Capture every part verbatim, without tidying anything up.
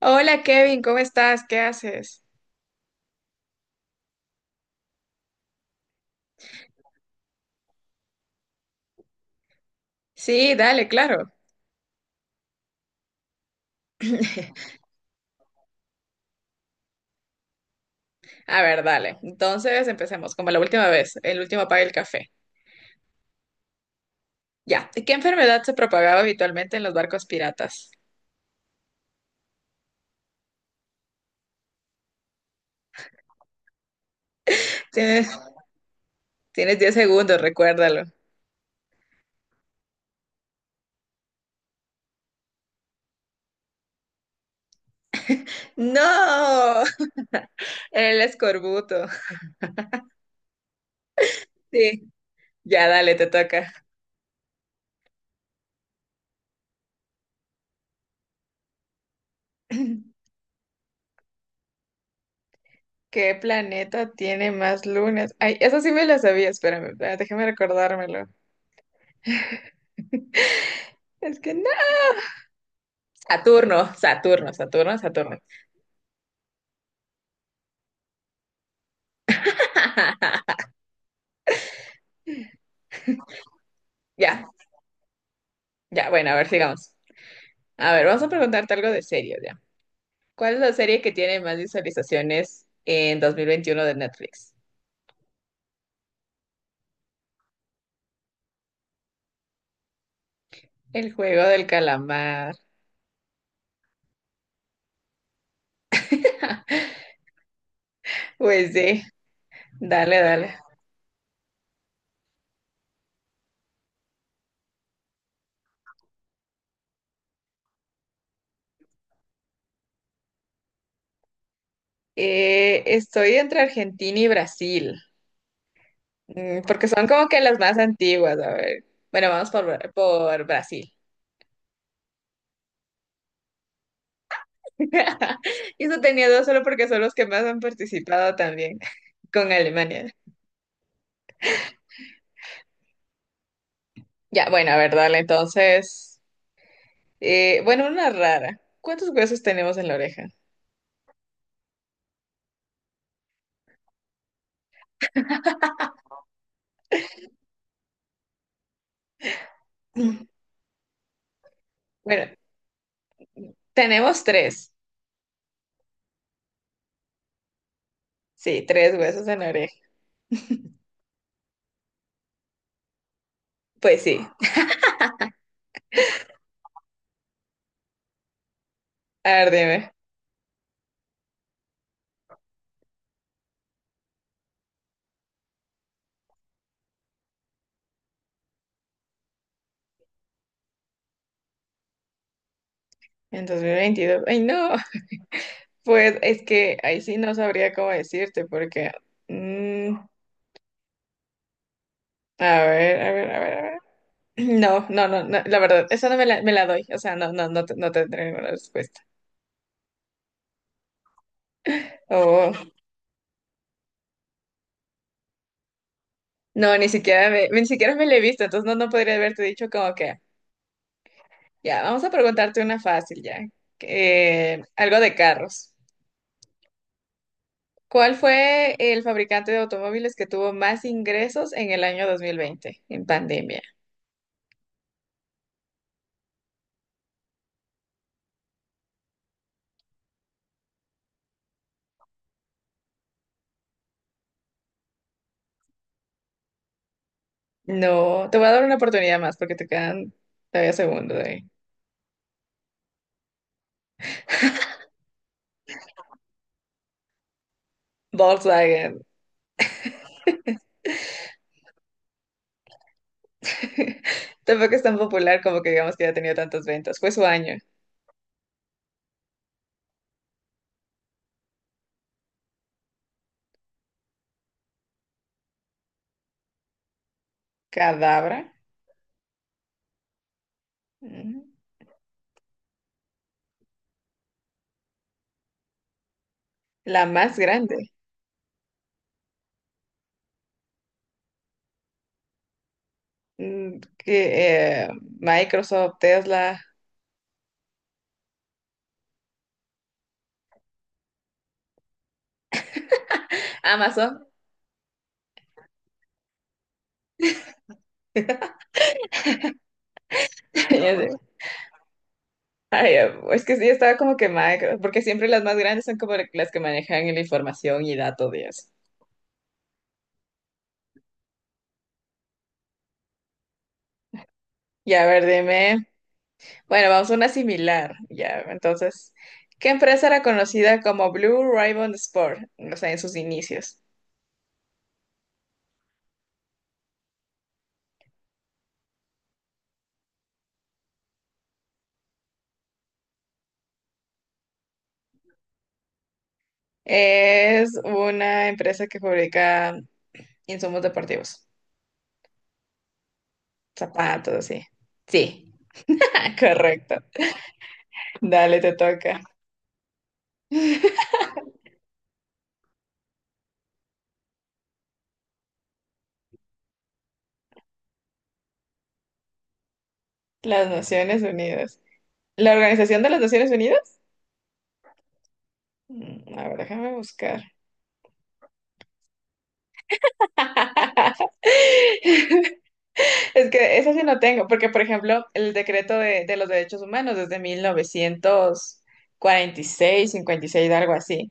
Hola Kevin, ¿cómo estás? ¿Qué haces? Sí, dale, claro. A ver, dale. Entonces empecemos, como la última vez, el último apaga el café. Ya. ¿Qué enfermedad se propagaba habitualmente en los barcos piratas? Tienes, tienes diez segundos, recuérdalo. ¡No! El escorbuto. Sí. Ya, dale, te toca. ¿Qué planeta tiene más lunas? Ay, eso sí me lo sabía, espérame, espérame, déjame recordármelo. Es que no. Saturno, Saturno, Saturno, Saturno. Ya, ya, bueno, a ver, sigamos. A ver, vamos a preguntarte algo de serio ya. ¿Cuál es la serie que tiene más visualizaciones en dos mil veintiuno de Netflix? El juego del calamar. Pues sí, dale, dale. Eh, estoy entre Argentina y Brasil. Mm, porque son como que las más antiguas. A ver, bueno, vamos por, Bra- por Brasil. Y eso tenía dos solo porque son los que más han participado también con Alemania. Ya, bueno, a ver, dale, entonces. Eh, bueno, una rara. ¿Cuántos huesos tenemos en la oreja? Bueno, tenemos tres. Sí, tres huesos en la oreja. Pues sí, a ver, dime. En dos mil veintidós. Ay, no. Pues es que ahí sí no sabría cómo decirte porque mm, a ver, a ver, a ver, a ver. No, no, no, no, la verdad, esa no me la, me la doy. O sea, no, no, no, te- no tendré ninguna respuesta. Oh, no, ni siquiera me, ni siquiera me la he visto, entonces no, no podría haberte dicho como que... Ya, vamos a preguntarte una fácil ya. Eh, algo de carros. ¿Cuál fue el fabricante de automóviles que tuvo más ingresos en el año dos mil veinte, en pandemia? No, te voy a dar una oportunidad más porque te quedan todavía segundos ahí. Volkswagen. Tampoco es tan popular como que digamos que haya tenido tantas ventas. Fue su año. Cadabra. Mm. La más grande. Mm, que, eh, Microsoft, Tesla, Amazon. Ya sé. Ay, eh, es que sí, estaba como que quemada, porque siempre las más grandes son como las que manejan la información y datos de eso. Ya, a ver, dime. Bueno, vamos a una similar. Ya, entonces, ¿qué empresa era conocida como Blue Ribbon Sport? O sea, en sus inicios. Es una empresa que fabrica insumos deportivos, zapatos, así. Sí, correcto. Dale, te toca. Las Naciones Unidas. ¿La Organización de las Naciones Unidas? Mm. A ver, déjame buscar. Es que eso sí no tengo, porque por ejemplo, el decreto de, de los derechos humanos desde mil novecientos cuarenta y seis, cincuenta y seis, algo así.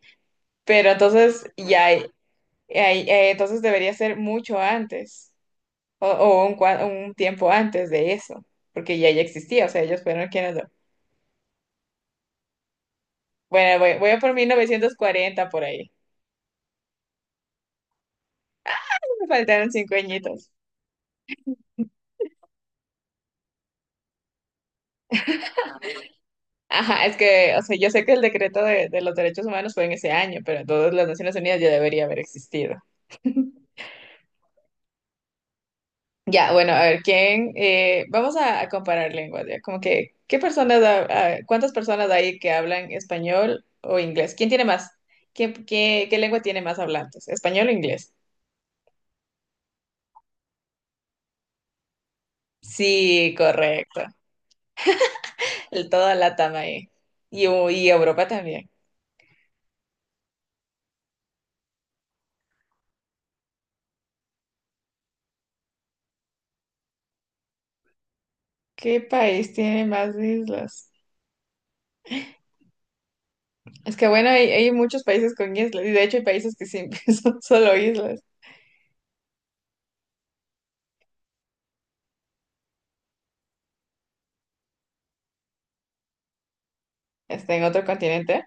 Pero entonces ya hay- hay- eh, entonces debería ser mucho antes o, o un, cua- un tiempo antes de eso, porque ya ya existía, o sea, ellos fueron quienes lo- Bueno, voy, voy a por mil novecientos cuarenta por ahí. Me faltaron cinco añitos. Ajá, es que, o sea, yo sé que el decreto de, de los derechos humanos fue en ese año, pero entonces las Naciones Unidas ya debería haber existido. Ya, bueno, a ver, ¿quién? Eh, vamos a, a comparar lenguas, ya, como que, ¿qué personas, ha- ha- cuántas personas hay que hablan español o inglés? ¿Quién tiene más? ¿Qué, qué, qué lengua tiene más hablantes? ¿Español o inglés? Sí, correcto. El, toda Latam ahí. Y, u- y Europa también. ¿Qué país tiene más islas? Es que bueno, hay, hay muchos países con islas, y de hecho hay países que sí son solo islas. Está en otro continente.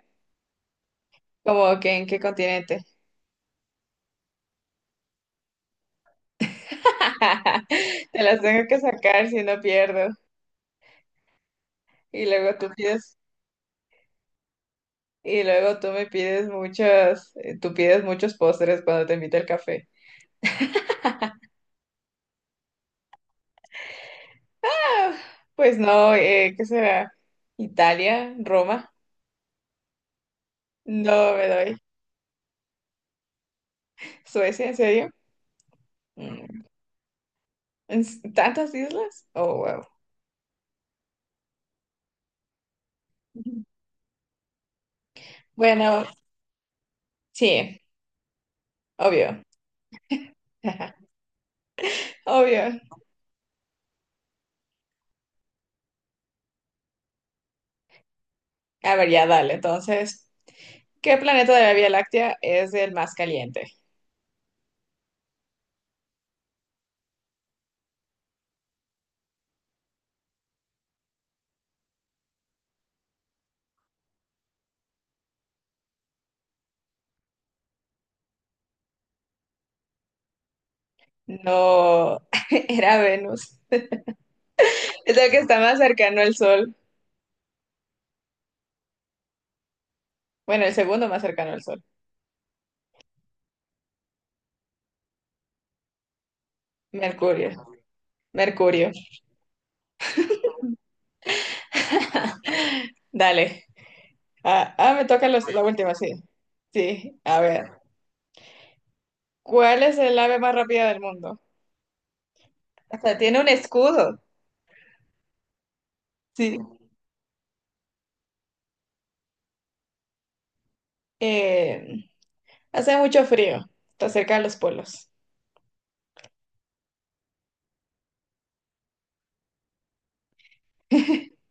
¿Cómo que en qué continente? Te las tengo que sacar si no pierdo. Y luego tú pides, y luego tú me pides muchos, eh, tú pides muchos postres cuando te invito al café. Ah, pues no, eh, ¿qué será? Italia, Roma. No me doy. Suecia, ¿en serio? Mm. ¿En s- tantas islas? Oh, wow. Bueno, sí, obvio. Obvio. A ver, ya dale, entonces. ¿Qué planeta de la Vía Láctea es el más caliente? No, era Venus. Es el que está más cercano al Sol. Bueno, el segundo más cercano al Sol. Mercurio. Mercurio. Dale. Ah, ah, me toca los- la última, sí. Sí, a ver. ¿Cuál es el ave más rápida del mundo? Hasta tiene un escudo. Sí. Eh, hace mucho frío. Está cerca de los polos.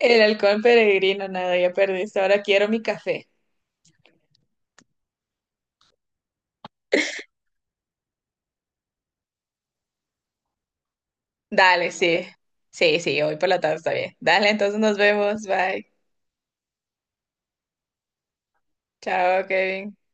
El halcón peregrino, nada, ya perdiste. Ahora quiero mi café. Dale, sí. Sí, sí, hoy por la tarde está bien. Dale, entonces nos vemos. Bye. Chao, Kevin.